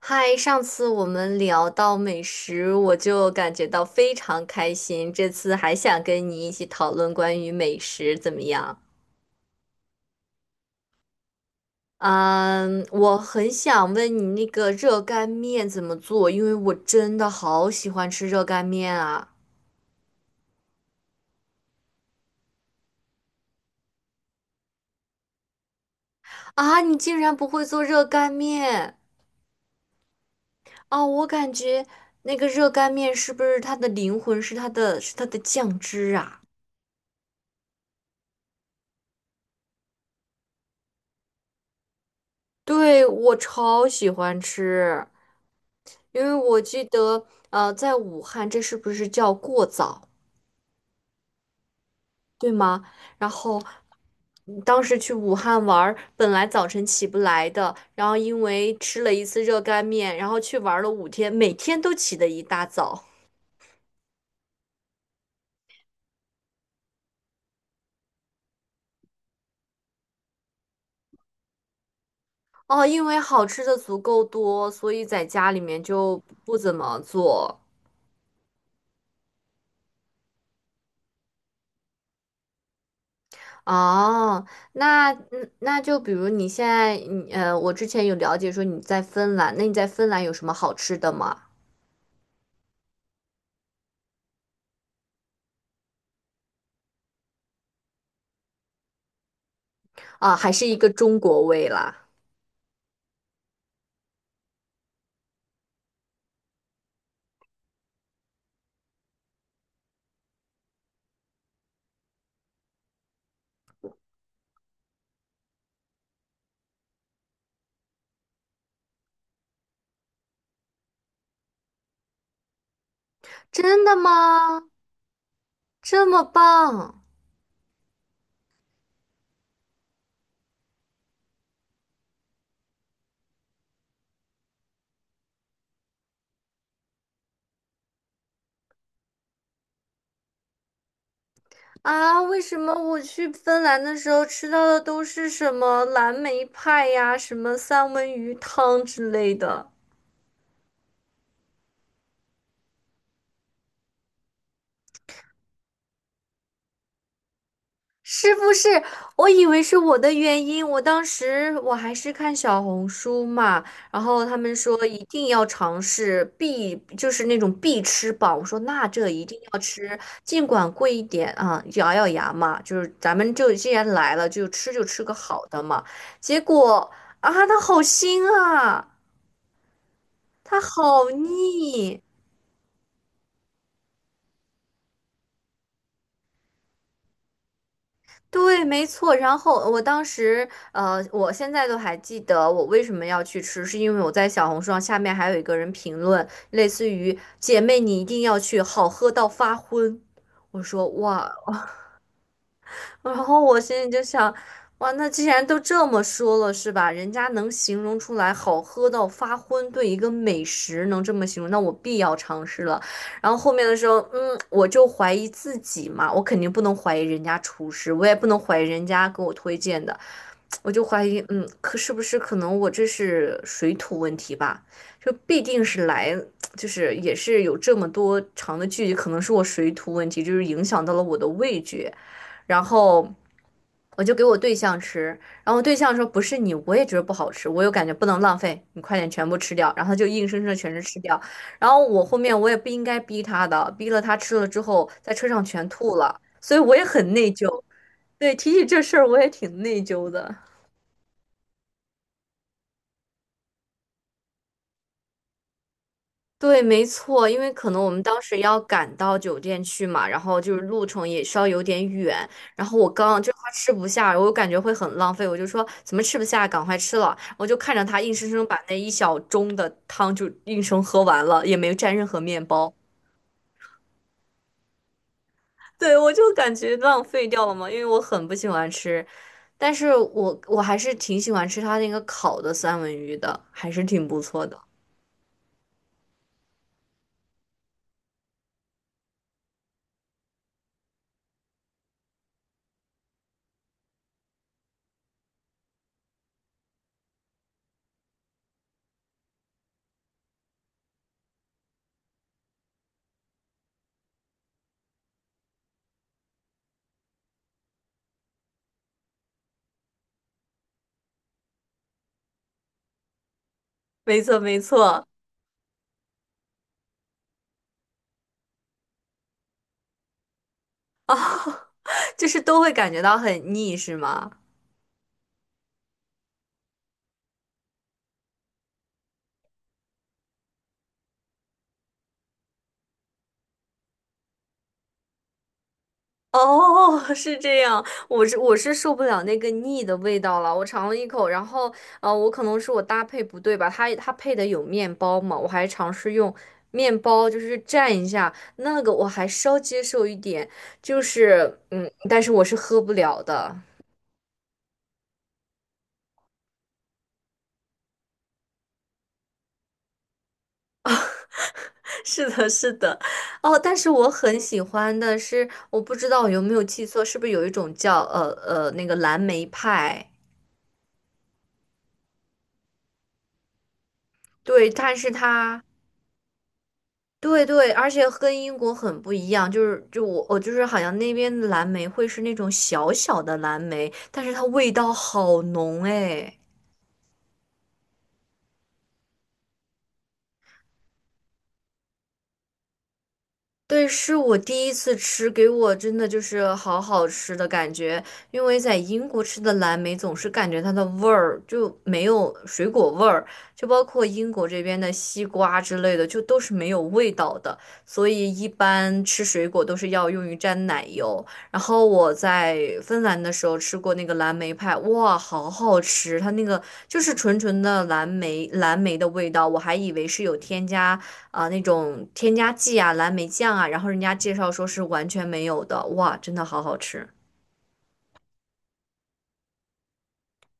嗨，上次我们聊到美食，我就感觉到非常开心。这次还想跟你一起讨论关于美食，怎么样？嗯，我很想问你那个热干面怎么做，因为我真的好喜欢吃热干面啊！啊，你竟然不会做热干面？哦，我感觉那个热干面是不是它的灵魂是它的酱汁啊？对，我超喜欢吃。因为我记得，在武汉，这是不是叫过早，对吗？然后当时去武汉玩儿，本来早晨起不来的，然后因为吃了一次热干面，然后去玩了5天，每天都起得一大早。哦，因为好吃的足够多，所以在家里面就不怎么做。哦，那就比如你现在，你我之前有了解说你在芬兰，那你在芬兰有什么好吃的吗？啊，还是一个中国味啦。真的吗？这么棒啊！为什么我去芬兰的时候吃到的都是什么蓝莓派呀、什么三文鱼汤之类的？是不是？我以为是我的原因，我当时我还是看小红书嘛，然后他们说一定要尝试必，就是那种必吃榜，我说那这一定要吃，尽管贵一点啊，咬咬牙嘛，就是咱们就既然来了，就吃个好的嘛。结果啊，它好腥啊，它好腻。对，没错。然后我当时，我现在都还记得我为什么要去吃，是因为我在小红书上下面还有一个人评论，类似于"姐妹你一定要去，好喝到发昏"。我说哇，然后我心里就想，哇，那既然都这么说了，是吧？人家能形容出来好喝到发昏，对一个美食能这么形容，那我必要尝试了。然后后面的时候，我就怀疑自己嘛，我肯定不能怀疑人家厨师，我也不能怀疑人家给我推荐的，我就怀疑，可是不是可能我这是水土问题吧？就必定是来，就是也是有这么多长的距离，可能是我水土问题，就是影响到了我的味觉。然后我就给我对象吃，然后我对象说不是你，我也觉得不好吃，我又感觉不能浪费，你快点全部吃掉，然后他就硬生生的全是吃掉，然后我后面我也不应该逼他的，逼了他吃了之后在车上全吐了，所以我也很内疚。对，提起这事儿我也挺内疚的。对，没错，因为可能我们当时要赶到酒店去嘛，然后就是路程也稍有点远，然后我刚就他吃不下，我感觉会很浪费，我就说怎么吃不下，赶快吃了，我就看着他硬生生把那一小盅的汤就硬生喝完了，也没蘸任何面包。对，我就感觉浪费掉了嘛，因为我很不喜欢吃，但是我还是挺喜欢吃他那个烤的三文鱼的，还是挺不错的，没错没错。哦，就是都会感觉到很腻，是吗？哦，是这样，我是受不了那个腻的味道了。我尝了一口，然后我可能是我搭配不对吧，它配的有面包嘛，我还尝试用面包就是蘸一下，那个我还稍接受一点，但是我是喝不了的。是的，是的，哦，但是我很喜欢的是，我不知道我有没有记错，是不是有一种叫那个蓝莓派？对，但是它对对，而且跟英国很不一样，就是就我我就是好像那边的蓝莓会是那种小小的蓝莓，但是它味道好浓哎。对，是我第一次吃，给我真的就是好好吃的感觉。因为在英国吃的蓝莓总是感觉它的味儿就没有水果味儿，就包括英国这边的西瓜之类的，就都是没有味道的。所以一般吃水果都是要用于蘸奶油。然后我在芬兰的时候吃过那个蓝莓派，哇，好好吃！它那个就是纯纯的蓝莓，蓝莓的味道，我还以为是有添加。啊，那种添加剂啊、蓝莓酱啊，然后人家介绍说是完全没有的，哇，真的好好吃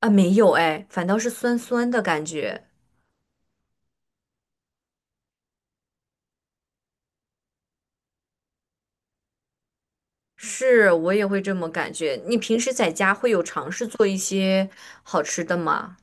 啊！没有哎，反倒是酸酸的感觉，是我也会这么感觉。你平时在家会有尝试做一些好吃的吗？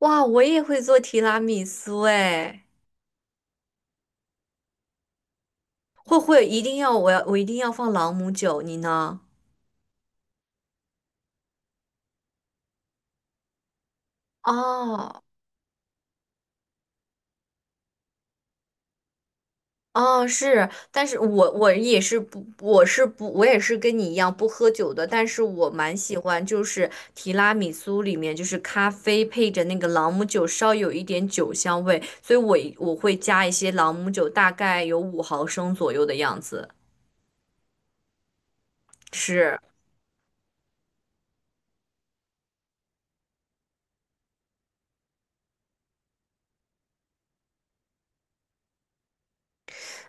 哇，我也会做提拉米苏哎，会一定一定要放朗姆酒，你呢？哦哦，是，但是我也是跟你一样不喝酒的，但是我蛮喜欢，就是提拉米苏里面就是咖啡配着那个朗姆酒，稍有一点酒香味，所以我会加一些朗姆酒，大概有5毫升左右的样子。是。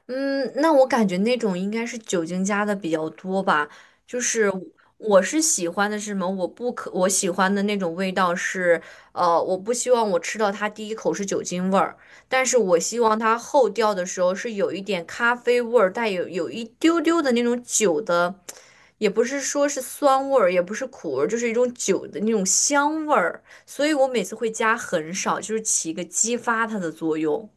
嗯，那我感觉那种应该是酒精加的比较多吧。就是我我是喜欢的是什么？我不可我喜欢的那种味道是，我不希望我吃到它第一口是酒精味儿，但是我希望它后调的时候是有一点咖啡味儿，有一丢丢的那种酒的，也不是说是酸味儿，也不是苦味儿，就是一种酒的那种香味儿。所以我每次会加很少，就是起一个激发它的作用。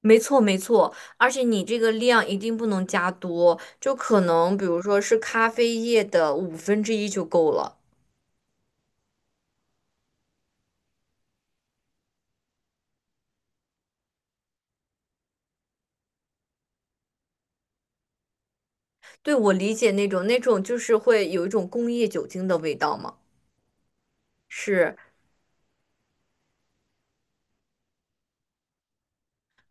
没错，没错，而且你这个量一定不能加多，就可能比如说是咖啡液的五分之一就够了。对，我理解那种就是会有一种工业酒精的味道嘛。是，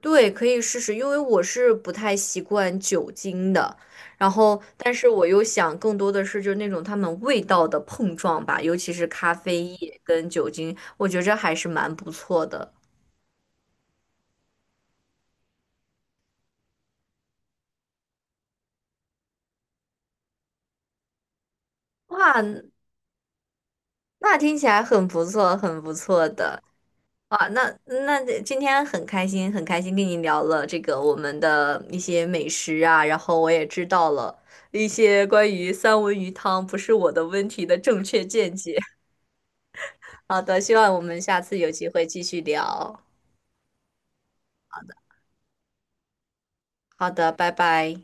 对，可以试试，因为我是不太习惯酒精的，然后但是我又想更多的是就是那种它们味道的碰撞吧，尤其是咖啡液跟酒精，我觉着还是蛮不错的。哇，那听起来很不错，很不错的。啊，那今天很开心，很开心跟你聊了这个我们的一些美食啊，然后我也知道了一些关于三文鱼汤不是我的问题的正确见解。好的，希望我们下次有机会继续聊。好的，拜拜。